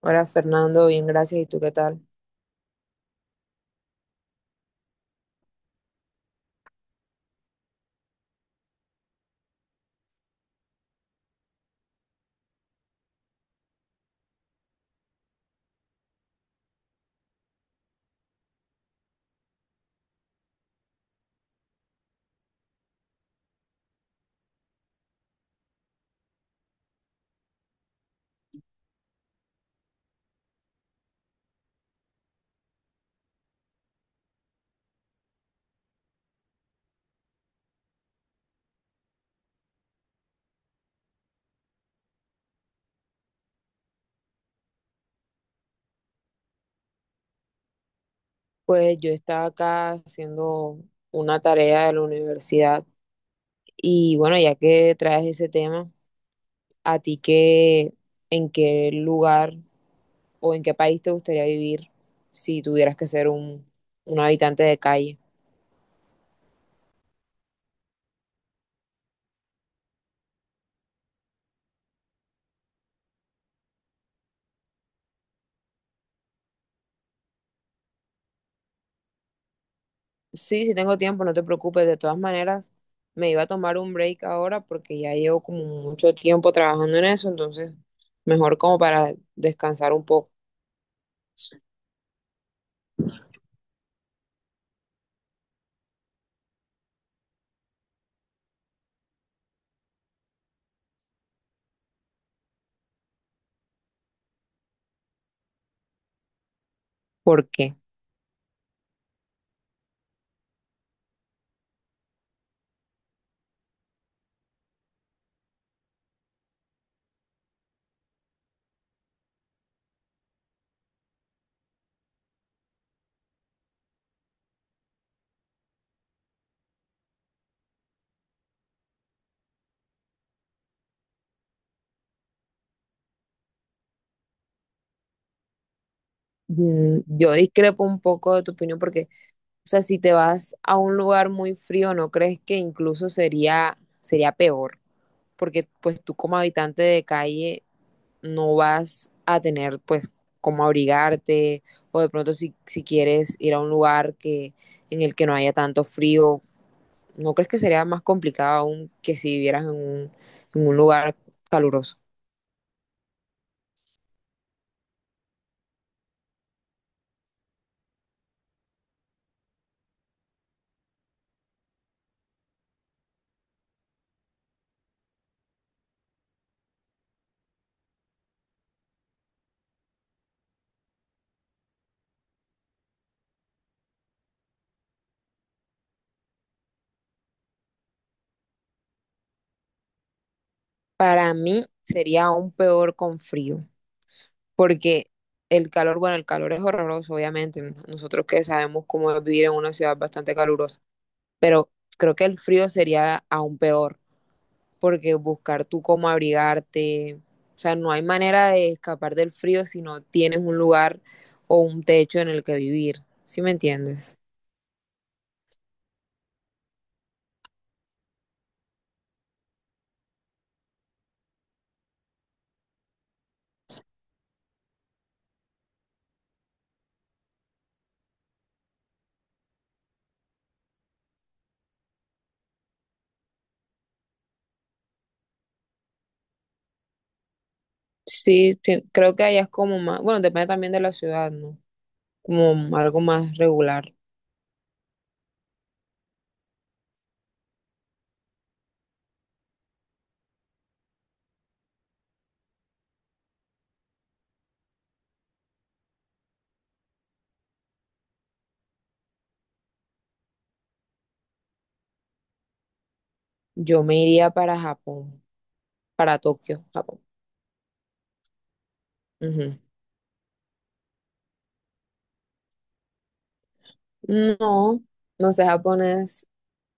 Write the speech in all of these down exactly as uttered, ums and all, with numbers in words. Hola Fernando, bien, gracias. ¿Y tú qué tal? Pues yo estaba acá haciendo una tarea de la universidad y bueno, ya que traes ese tema, ¿a ti qué, en qué lugar o en qué país te gustaría vivir si tuvieras que ser un, un habitante de calle? Sí, sí tengo tiempo, no te preocupes. De todas maneras, me iba a tomar un break ahora porque ya llevo como mucho tiempo trabajando en eso, entonces mejor como para descansar un poco. ¿Por qué? Mm, yo discrepo un poco de tu opinión porque, o sea, si te vas a un lugar muy frío, ¿no crees que incluso sería, sería peor? Porque pues tú como habitante de calle no vas a tener pues cómo abrigarte o de pronto si, si quieres ir a un lugar que, en el que no haya tanto frío, ¿no crees que sería más complicado aún que si vivieras en un, en un lugar caluroso? Para mí sería aún peor con frío, porque el calor, bueno, el calor es horroroso, obviamente, n- nosotros que sabemos cómo es vivir en una ciudad bastante calurosa, pero creo que el frío sería aún peor, porque buscar tú cómo abrigarte, o sea, no hay manera de escapar del frío si no tienes un lugar o un techo en el que vivir, ¿sí me entiendes? Sí, te- creo que allá es como más, bueno, depende también de la ciudad, ¿no? Como algo más regular. Yo me iría para Japón, para Tokio, Japón. Ujú. No, no sé japonés,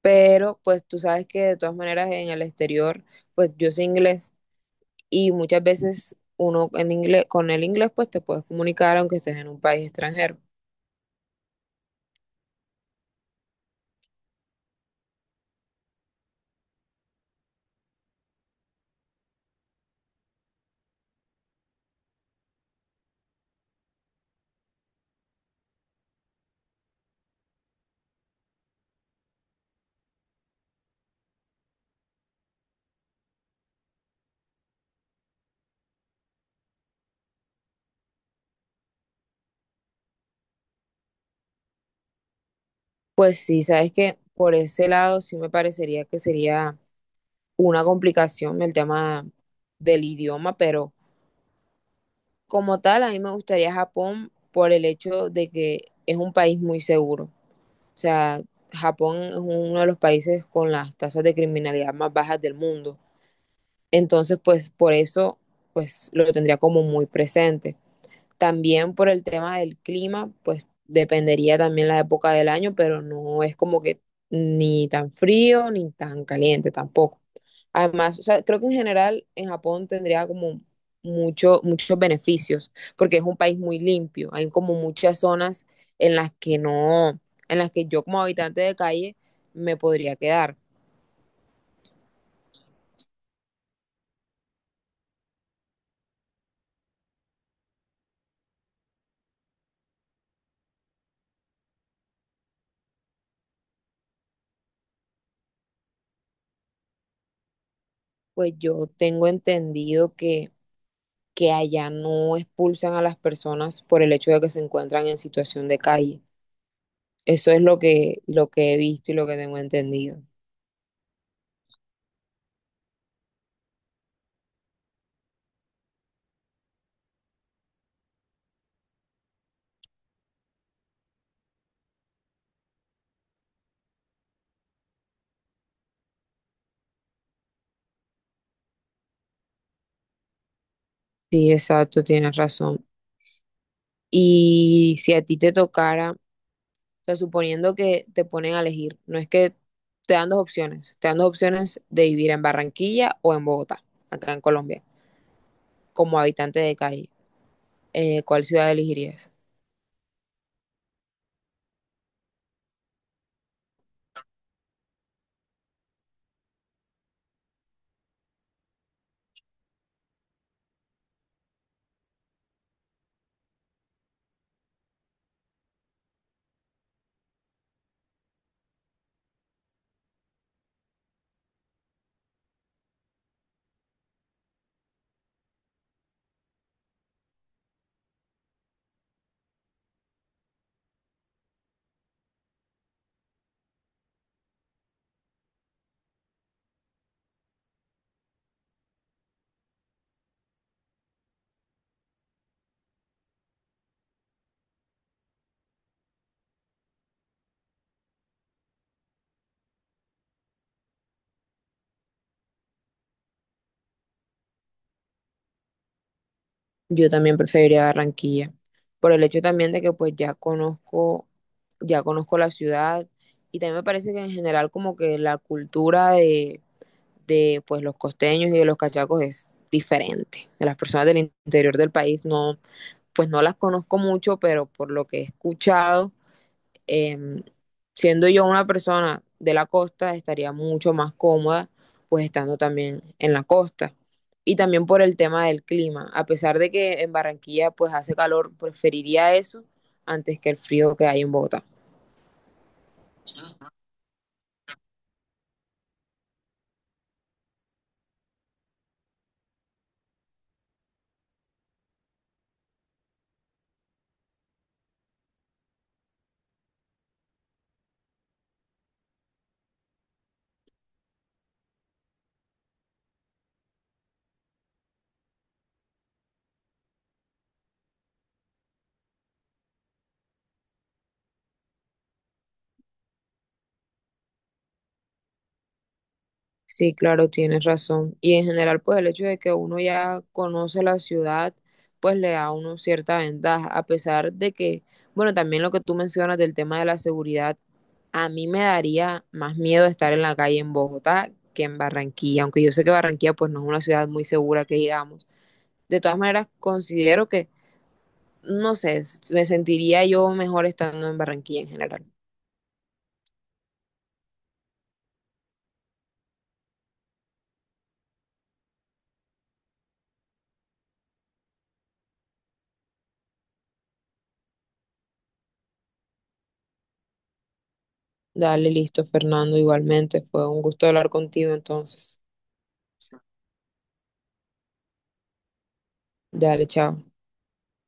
pero pues tú sabes que de todas maneras en el exterior, pues yo sé inglés y muchas veces uno en inglés, con el inglés pues te puedes comunicar aunque estés en un país extranjero. Pues sí, sabes que por ese lado sí me parecería que sería una complicación el tema del idioma, pero como tal a mí me gustaría Japón por el hecho de que es un país muy seguro. O sea, Japón es uno de los países con las tasas de criminalidad más bajas del mundo. Entonces, pues por eso, pues lo tendría como muy presente. También por el tema del clima, pues dependería también la época del año, pero no es como que ni tan frío ni tan caliente tampoco. Además, o sea, creo que en general en Japón tendría como mucho, muchos beneficios, porque es un país muy limpio. Hay como muchas zonas en las que no, en las que yo como habitante de calle me podría quedar. Pues yo tengo entendido que, que allá no expulsan a las personas por el hecho de que se encuentran en situación de calle. Eso es lo que, lo que he visto y lo que tengo entendido. Sí, exacto, tienes razón. Y si a ti te tocara, o sea, suponiendo que te ponen a elegir, no es que te dan dos opciones, te dan dos opciones de vivir en Barranquilla o en Bogotá, acá en Colombia, como habitante de calle. Eh, ¿cuál ciudad elegirías? Yo también preferiría Barranquilla, por el hecho también de que pues ya conozco, ya conozco la ciudad y también me parece que en general como que la cultura de de pues los costeños y de los cachacos es diferente. De las personas del interior del país no, pues no las conozco mucho, pero por lo que he escuchado, eh, siendo yo una persona de la costa, estaría mucho más cómoda pues estando también en la costa. Y también por el tema del clima. A pesar de que en Barranquilla pues hace calor, preferiría eso antes que el frío que hay en Bogotá. Sí, claro, tienes razón. Y en general, pues el hecho de que uno ya conoce la ciudad, pues le da a uno cierta ventaja, a pesar de que, bueno, también lo que tú mencionas del tema de la seguridad, a mí me daría más miedo estar en la calle en Bogotá que en Barranquilla, aunque yo sé que Barranquilla pues no es una ciudad muy segura que digamos. De todas maneras, considero que, no sé, s- me sentiría yo mejor estando en Barranquilla en general. Dale, listo, Fernando, igualmente, fue un gusto hablar contigo entonces. Dale, chao.